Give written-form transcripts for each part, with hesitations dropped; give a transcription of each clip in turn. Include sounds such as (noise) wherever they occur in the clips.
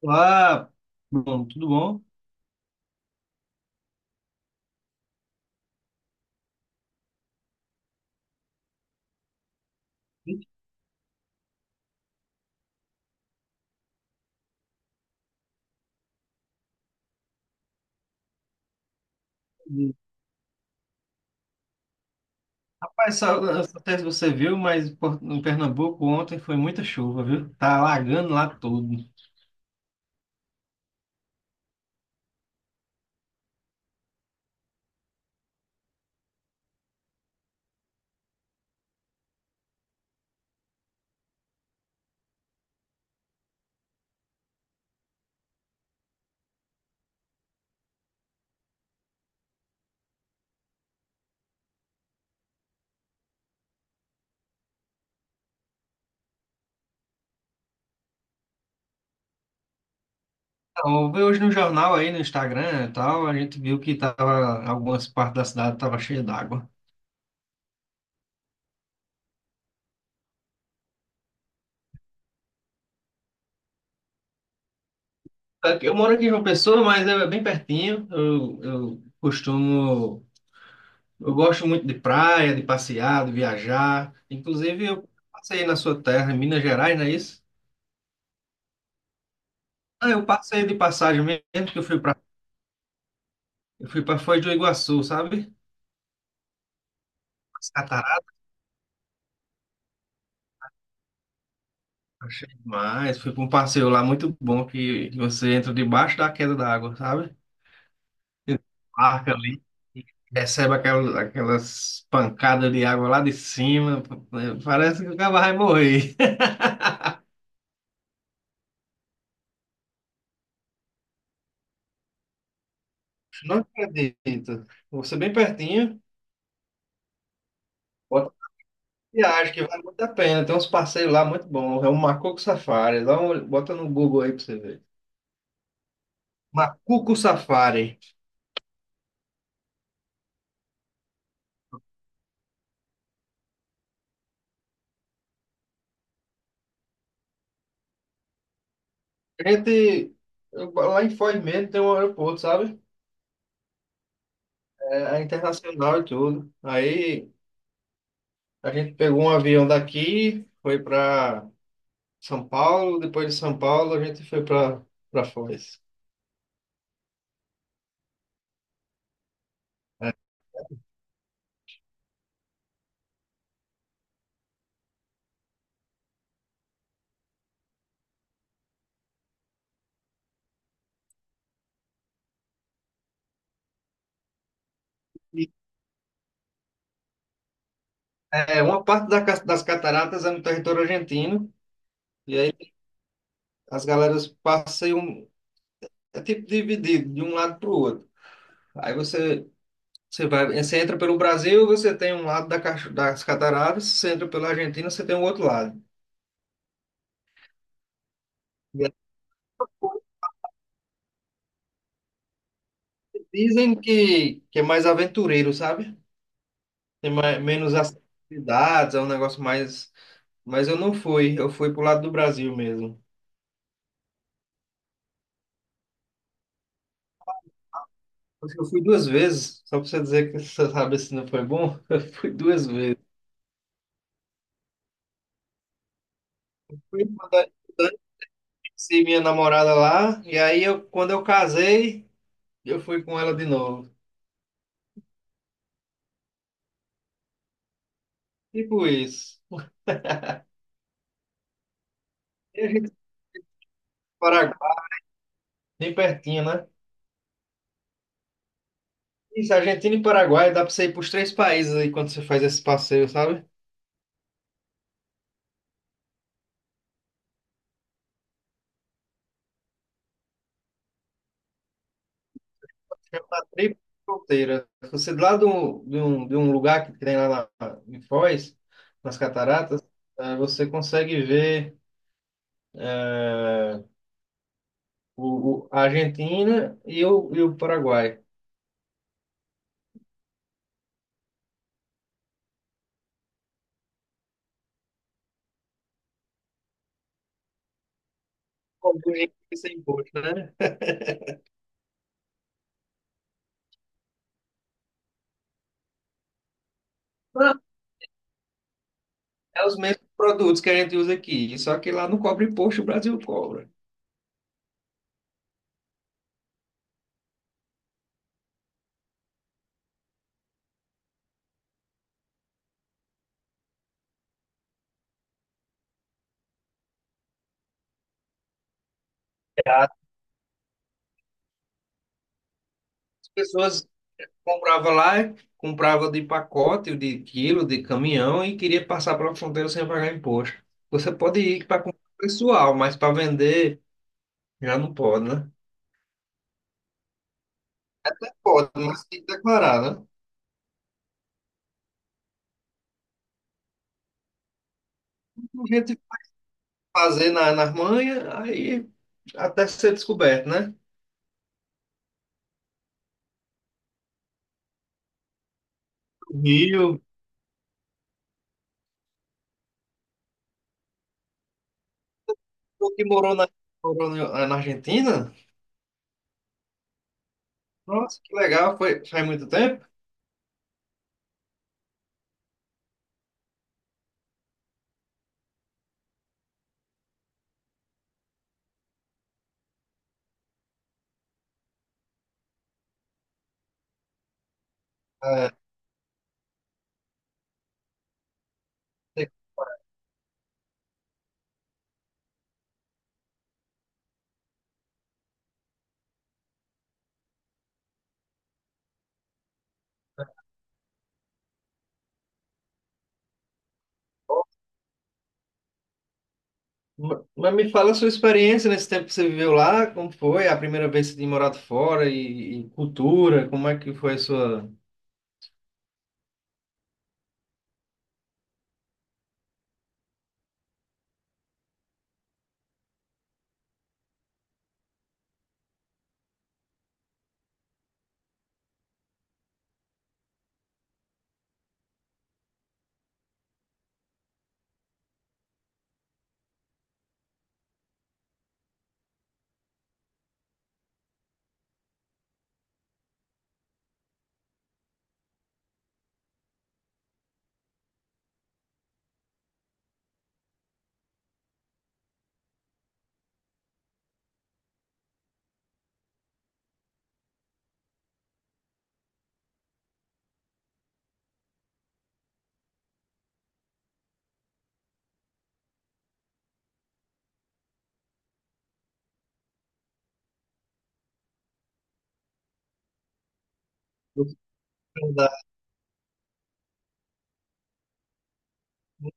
Olá, bom, tudo bom? Rapaz, só, não sei se você viu, mas em Pernambuco ontem foi muita chuva, viu? Tá alagando lá tudo. Então, eu vi hoje no jornal aí, no Instagram e tal, a gente viu que tava, algumas partes da cidade tava cheia d'água. Eu moro aqui em João Pessoa, mas é bem pertinho. Eu costumo, eu gosto muito de praia, de passear, de viajar. Inclusive, eu passei na sua terra, em Minas Gerais, não é isso? Ah, eu passei de passagem mesmo, que eu fui para Eu fui para Foz do Iguaçu, sabe? As cataratas, achei demais. Fui para um passeio lá muito bom que você entra debaixo da queda d'água, sabe? Parca ali, recebe aquelas, aquelas pancadas de água lá de cima. Parece que o cara vai morrer. (laughs) Não acredito. Você bem pertinho. Bota viagem que vale muito a pena. Tem uns passeios lá muito bons. É o Macuco Safari. Dá um, bota no Google aí para você ver. Macuco Safari. A gente, lá em Foz mesmo tem um aeroporto, sabe? É, é internacional e tudo. Aí a gente pegou um avião daqui, foi para São Paulo, depois de São Paulo a gente foi para Foz. É, E, é, uma parte das cataratas é no território argentino, e aí as galeras passeiam, é tipo dividido de um lado para o outro. Aí você, você vai, você entra pelo Brasil, você tem um lado das cataratas, você entra pela Argentina, você tem o outro lado. Dizem que é mais aventureiro, sabe? Tem mais, menos atividades, é um negócio mais. Mas eu não fui, eu fui pro lado do Brasil mesmo. Eu fui duas vezes, só pra você dizer que (laughs) você sabe se não foi bom, (laughs) eu fui duas vezes. Fui quando eu conheci minha namorada lá, e aí eu, quando eu casei, eu fui com ela de novo. Tipo isso. E a gente Paraguai, bem pertinho, né? Isso, Argentina e Paraguai, dá pra você ir pros três países aí quando você faz esse passeio, sabe? Chama Tríplice Fronteira. Você lá do, lado de, um, de um lugar que tem lá na, em Foz, nas Cataratas, você consegue ver é, o, a Argentina e o Paraguai. Cobre sem imposto, né? Ah, é os mesmos produtos que a gente usa aqui, só que lá não cobra imposto, o Brasil cobra. As pessoas compravam lá, compravam de pacote, de quilo, de caminhão e queria passar pela fronteira sem pagar imposto. Você pode ir para comprar pessoal, mas para vender. Já não pode, né? Pode, mas tem que declarar, né? A gente fazer na, nas manhas, aí até ser descoberto, né? O Rio, o que morou na, morou na Argentina? Nossa, que legal, foi faz muito tempo. É, tem- mas me fala a sua experiência nesse tempo que você viveu lá, como foi a primeira vez que você tinha morado fora e cultura, como é que foi a sua...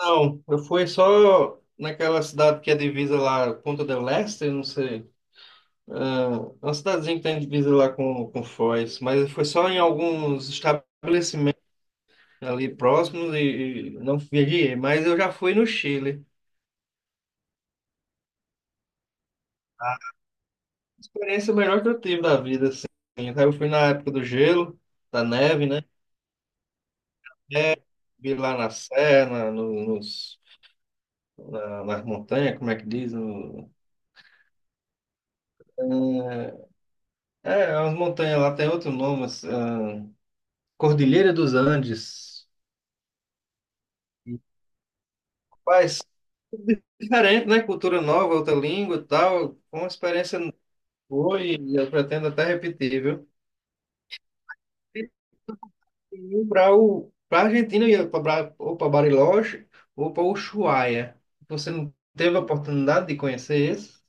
Não, eu fui só naquela cidade que é divisa lá, Ponta del Este, não sei. É, é uma cidadezinha que tem divisa lá com Foz, mas foi só em alguns estabelecimentos ali próximos e não viajei, mas eu já fui no Chile. Experiência melhor que eu tive da vida, assim. Então, eu fui na época do gelo, da neve, né? Vi lá na serra, no, nos, nas montanhas, como é que diz? No, é, é, as montanhas lá tem outro nome, mas, ah, Cordilheira dos Andes. E, rapaz, diferente, né? Cultura nova, outra língua e tal. Foi uma experiência. Foi, e eu pretendo até repetir, viu? E para Argentina eu ia para ou para Bariloche ou para Ushuaia. Você não teve a oportunidade de conhecer esse?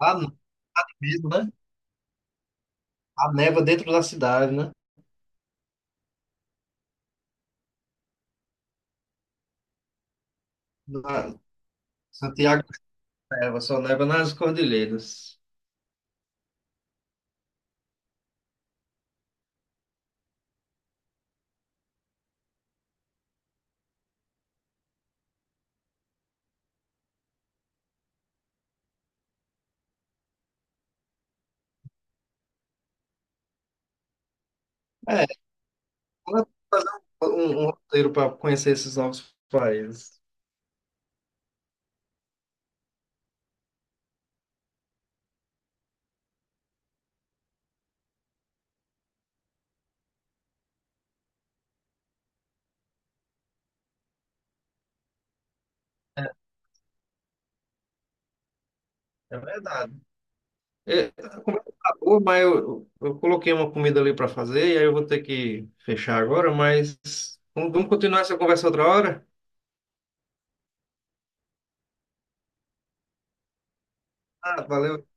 Ah, não, mesmo, né? A neva dentro da cidade, né? Na- Santiago neva, só neva nas cordilheiras. É, ela tem que fazer um, um roteiro para conhecer esses novos países. É verdade. É, a conversa tá boa, mas eu coloquei uma comida ali para fazer e aí eu vou ter que fechar agora, mas vamos, vamos continuar essa conversa outra hora? Ah, valeu.